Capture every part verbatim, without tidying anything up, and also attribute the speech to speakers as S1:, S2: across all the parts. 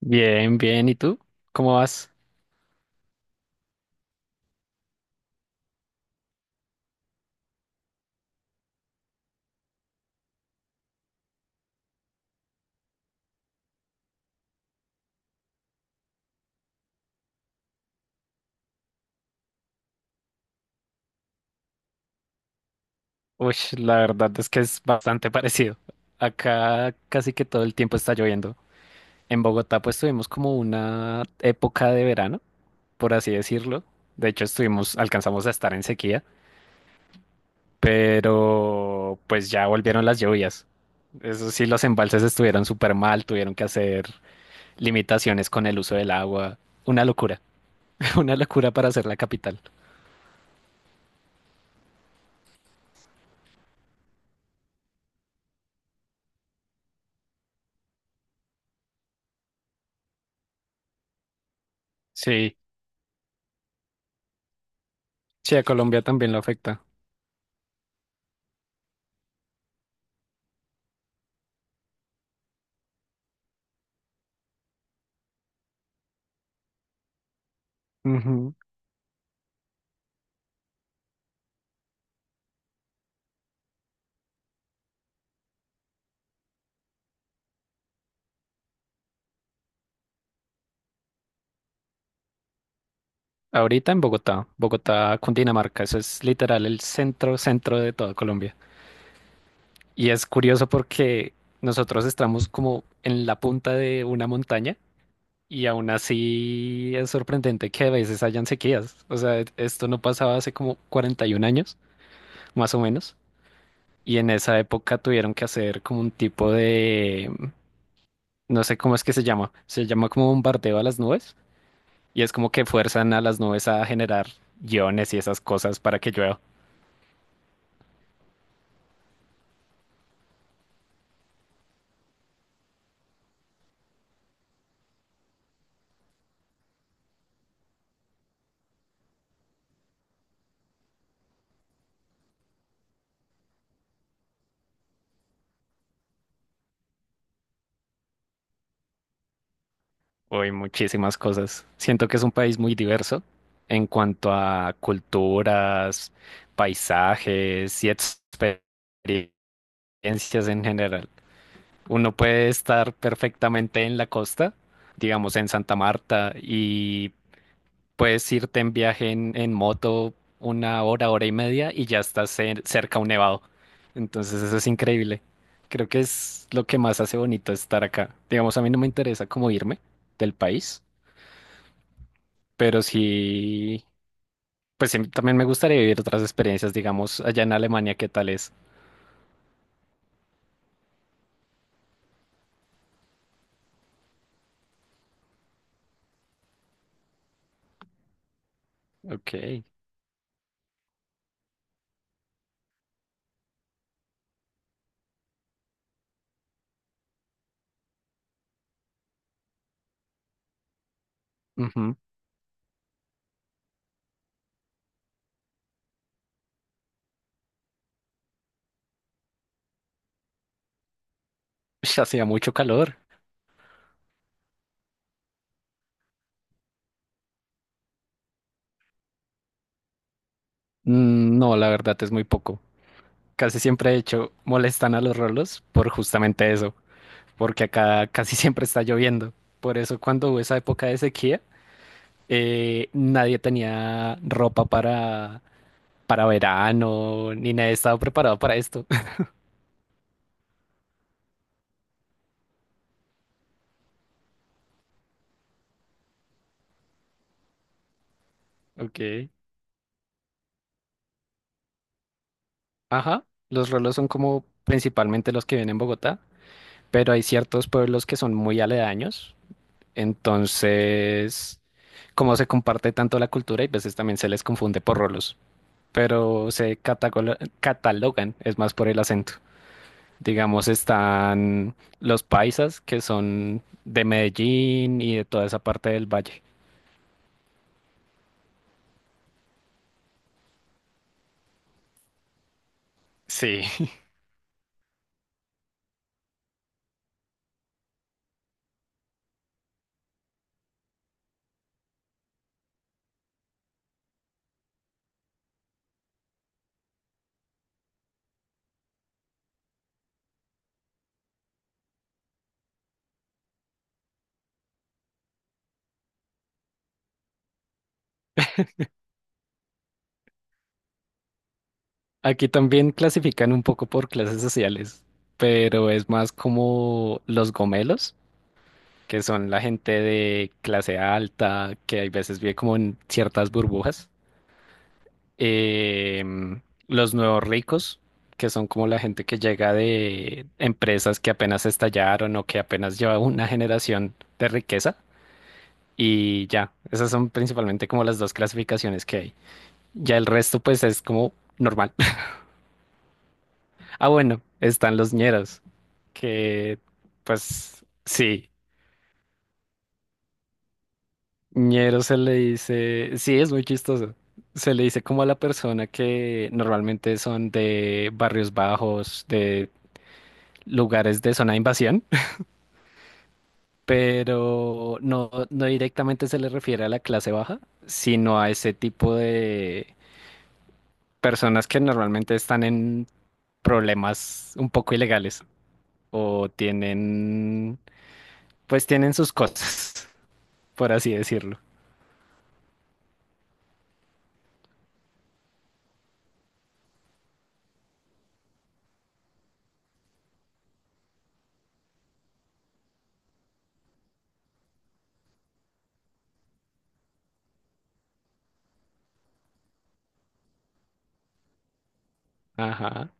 S1: Bien, bien. ¿Y tú? ¿Cómo vas? Uy, la verdad es que es bastante parecido. Acá casi que todo el tiempo está lloviendo. En Bogotá pues tuvimos como una época de verano, por así decirlo. De hecho estuvimos, alcanzamos a estar en sequía, pero pues ya volvieron las lluvias. Eso sí, los embalses estuvieron súper mal, tuvieron que hacer limitaciones con el uso del agua. Una locura, una locura para ser la capital. Sí, sí, a Colombia también lo afecta. Ujú. Ahorita en Bogotá, Bogotá, Cundinamarca, eso es literal el centro, centro de toda Colombia. Y es curioso porque nosotros estamos como en la punta de una montaña y aún así es sorprendente que a veces hayan sequías. O sea, e- esto no pasaba hace como cuarenta y un años, más o menos. Y en esa época tuvieron que hacer como un tipo de, no sé cómo es que se llama, se llama como bombardeo a las nubes. Y es como que fuerzan a las nubes a generar iones y esas cosas para que llueva. Uy, muchísimas cosas. Siento que es un país muy diverso en cuanto a culturas, paisajes y experiencias en general. Uno puede estar perfectamente en la costa, digamos en Santa Marta, y puedes irte en viaje en, en moto una hora, hora y media y ya estás cer- cerca a un nevado. Entonces eso es increíble. Creo que es lo que más hace bonito estar acá. Digamos, a mí no me interesa cómo irme del país. Pero sí, pues sí, también me gustaría vivir otras experiencias, digamos, allá en Alemania. ¿Qué tal es? Ok. Ujú. Ush, hacía mucho calor. Mm, no, la verdad es muy poco. Casi siempre, de hecho, molestan a los rolos por justamente eso, porque acá casi siempre está lloviendo. Por eso cuando hubo esa época de sequía, eh, nadie tenía ropa para, para verano, ni nadie estaba preparado para esto. Ok. Ajá. Los rolos son como principalmente los que vienen en Bogotá, pero hay ciertos pueblos que son muy aledaños, entonces, como se comparte tanto la cultura, y veces también se les confunde por rolos, pero se catagolo- catalogan, es más por el acento. Digamos, están los paisas, que son de Medellín y de toda esa parte del valle. Sí. Aquí también clasifican un poco por clases sociales, pero es más como los gomelos, que son la gente de clase alta, que hay veces vive como en ciertas burbujas. Em, los nuevos ricos, que son como la gente que llega de empresas que apenas estallaron o que apenas lleva una generación de riqueza. Y ya, esas son principalmente como las dos clasificaciones que hay. Ya el resto pues es como normal. Ah, bueno, están los ñeros, que pues sí. Ñero se le dice, sí, es muy chistoso. Se le dice como a la persona que normalmente son de barrios bajos, de lugares de zona de invasión, pero no, no directamente se le refiere a la clase baja, sino a ese tipo de personas que normalmente están en problemas un poco ilegales o tienen, pues tienen sus cosas, por así decirlo. Ajá.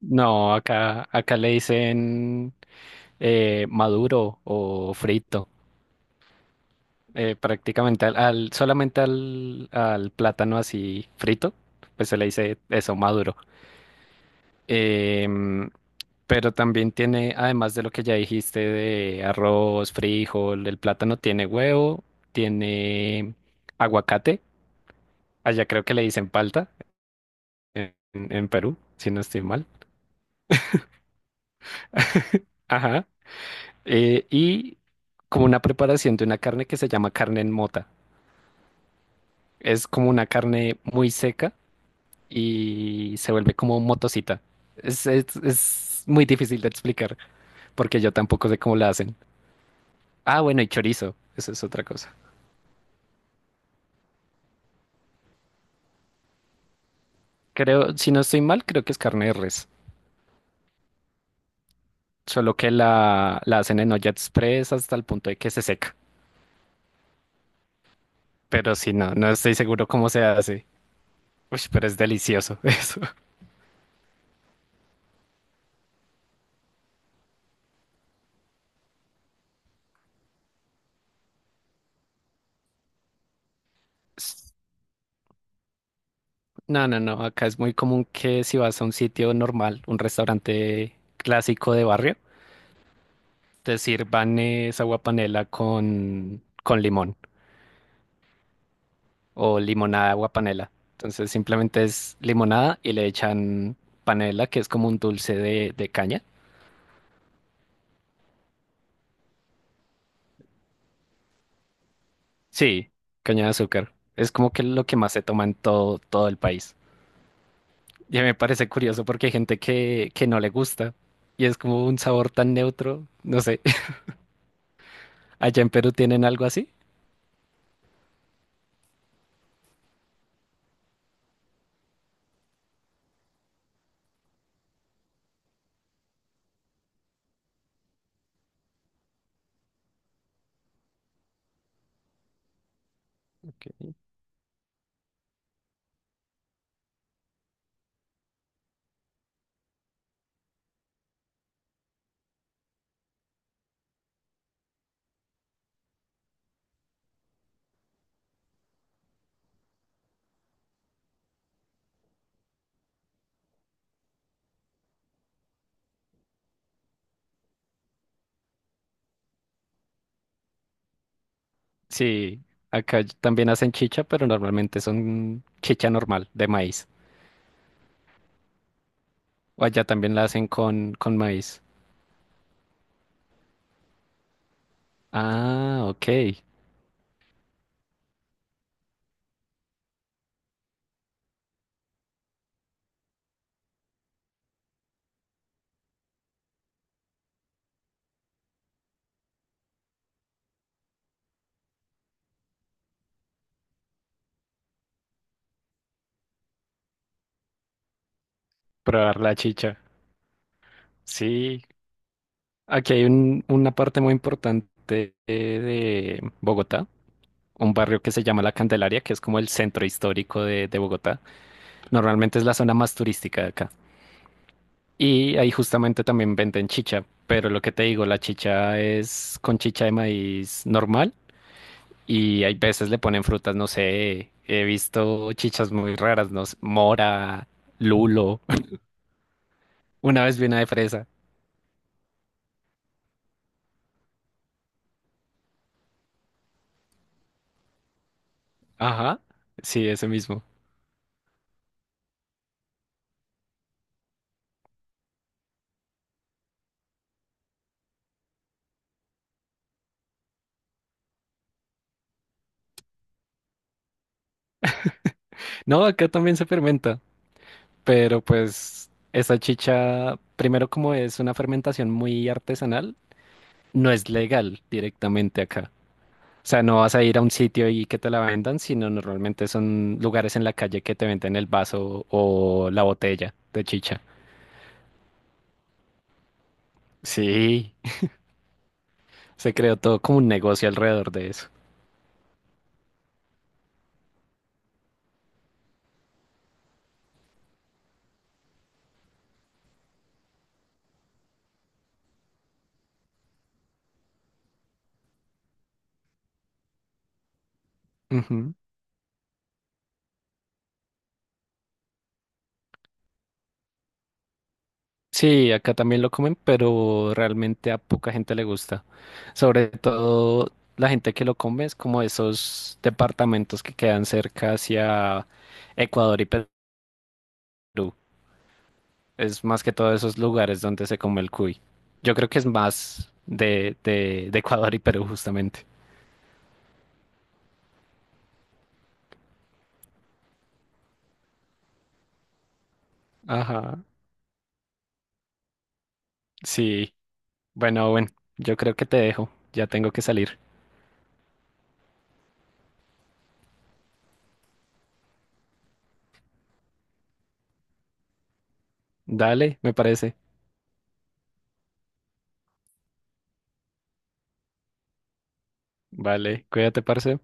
S1: No, acá, acá le dicen, eh, maduro o frito, eh, prácticamente al, al- solamente al, al plátano así frito, pues se le dice eso, maduro. Em, pero también tiene, además de lo que ya dijiste de arroz, frijol, el plátano tiene huevo, tiene aguacate, allá creo que le dicen palta en, en Perú, si no estoy mal. Ajá. Eh, y como una preparación de una carne que se llama carne en mota. Es como una carne muy seca y se vuelve como motocita. Es, es, es muy difícil de explicar porque yo tampoco sé cómo la hacen. Ah, bueno, y chorizo, eso es otra cosa. Creo, si no estoy mal, creo que es carne de res, solo que la, la hacen en olla express hasta el punto de que se seca. Pero si no, no estoy seguro cómo se hace. Uy, pero es delicioso eso. S- No, no, no, acá es muy común que si vas a un sitio normal, un restaurante clásico de barrio, te sirvan esa agua panela con, con limón. O limonada agua panela. Entonces simplemente es limonada y le echan panela, que es como un dulce de, de caña. Sí, caña de azúcar. Es como que lo que más se toma en todo, todo el país. Y me parece curioso porque hay gente que, que no le gusta y es como un sabor tan neutro. No sé, ¿allá en Perú tienen algo así? Ok. Sí, acá también hacen chicha, pero normalmente son chicha normal, de maíz. O allá también la hacen con, con maíz. Ah, ok. Probar la chicha. Sí, aquí hay un- una parte muy importante eh, de Bogotá, un barrio que se llama La Candelaria, que es como el centro histórico de, de Bogotá. Normalmente es la zona más turística de acá. Y ahí justamente también venden chicha, pero lo que te digo, la chicha es con chicha de maíz normal y hay veces le ponen frutas, no sé, he visto chichas muy raras, no sé, mora, lulo, una vez vi una de fresa. Ajá, sí, ese mismo. No, acá también se fermenta, pero pues esa chicha, primero como es una fermentación muy artesanal, no es legal directamente acá. O sea, no vas a ir a un sitio y que te la vendan, sino normalmente son lugares en la calle que te venden el vaso o la botella de chicha. Sí, se creó todo como un negocio alrededor de eso. Ujú. Sí, acá también lo comen, pero realmente a poca gente le gusta. Sobre todo la gente que lo come es como esos departamentos que quedan cerca hacia Ecuador y Perú. Es más que todo esos lugares donde se come el cuy. Yo creo que es más de, de, de Ecuador y Perú, justamente. Ajá. Sí. Bueno, bueno, yo creo que te dejo. Ya tengo que salir. Dale, me parece. Vale, cuídate, parce.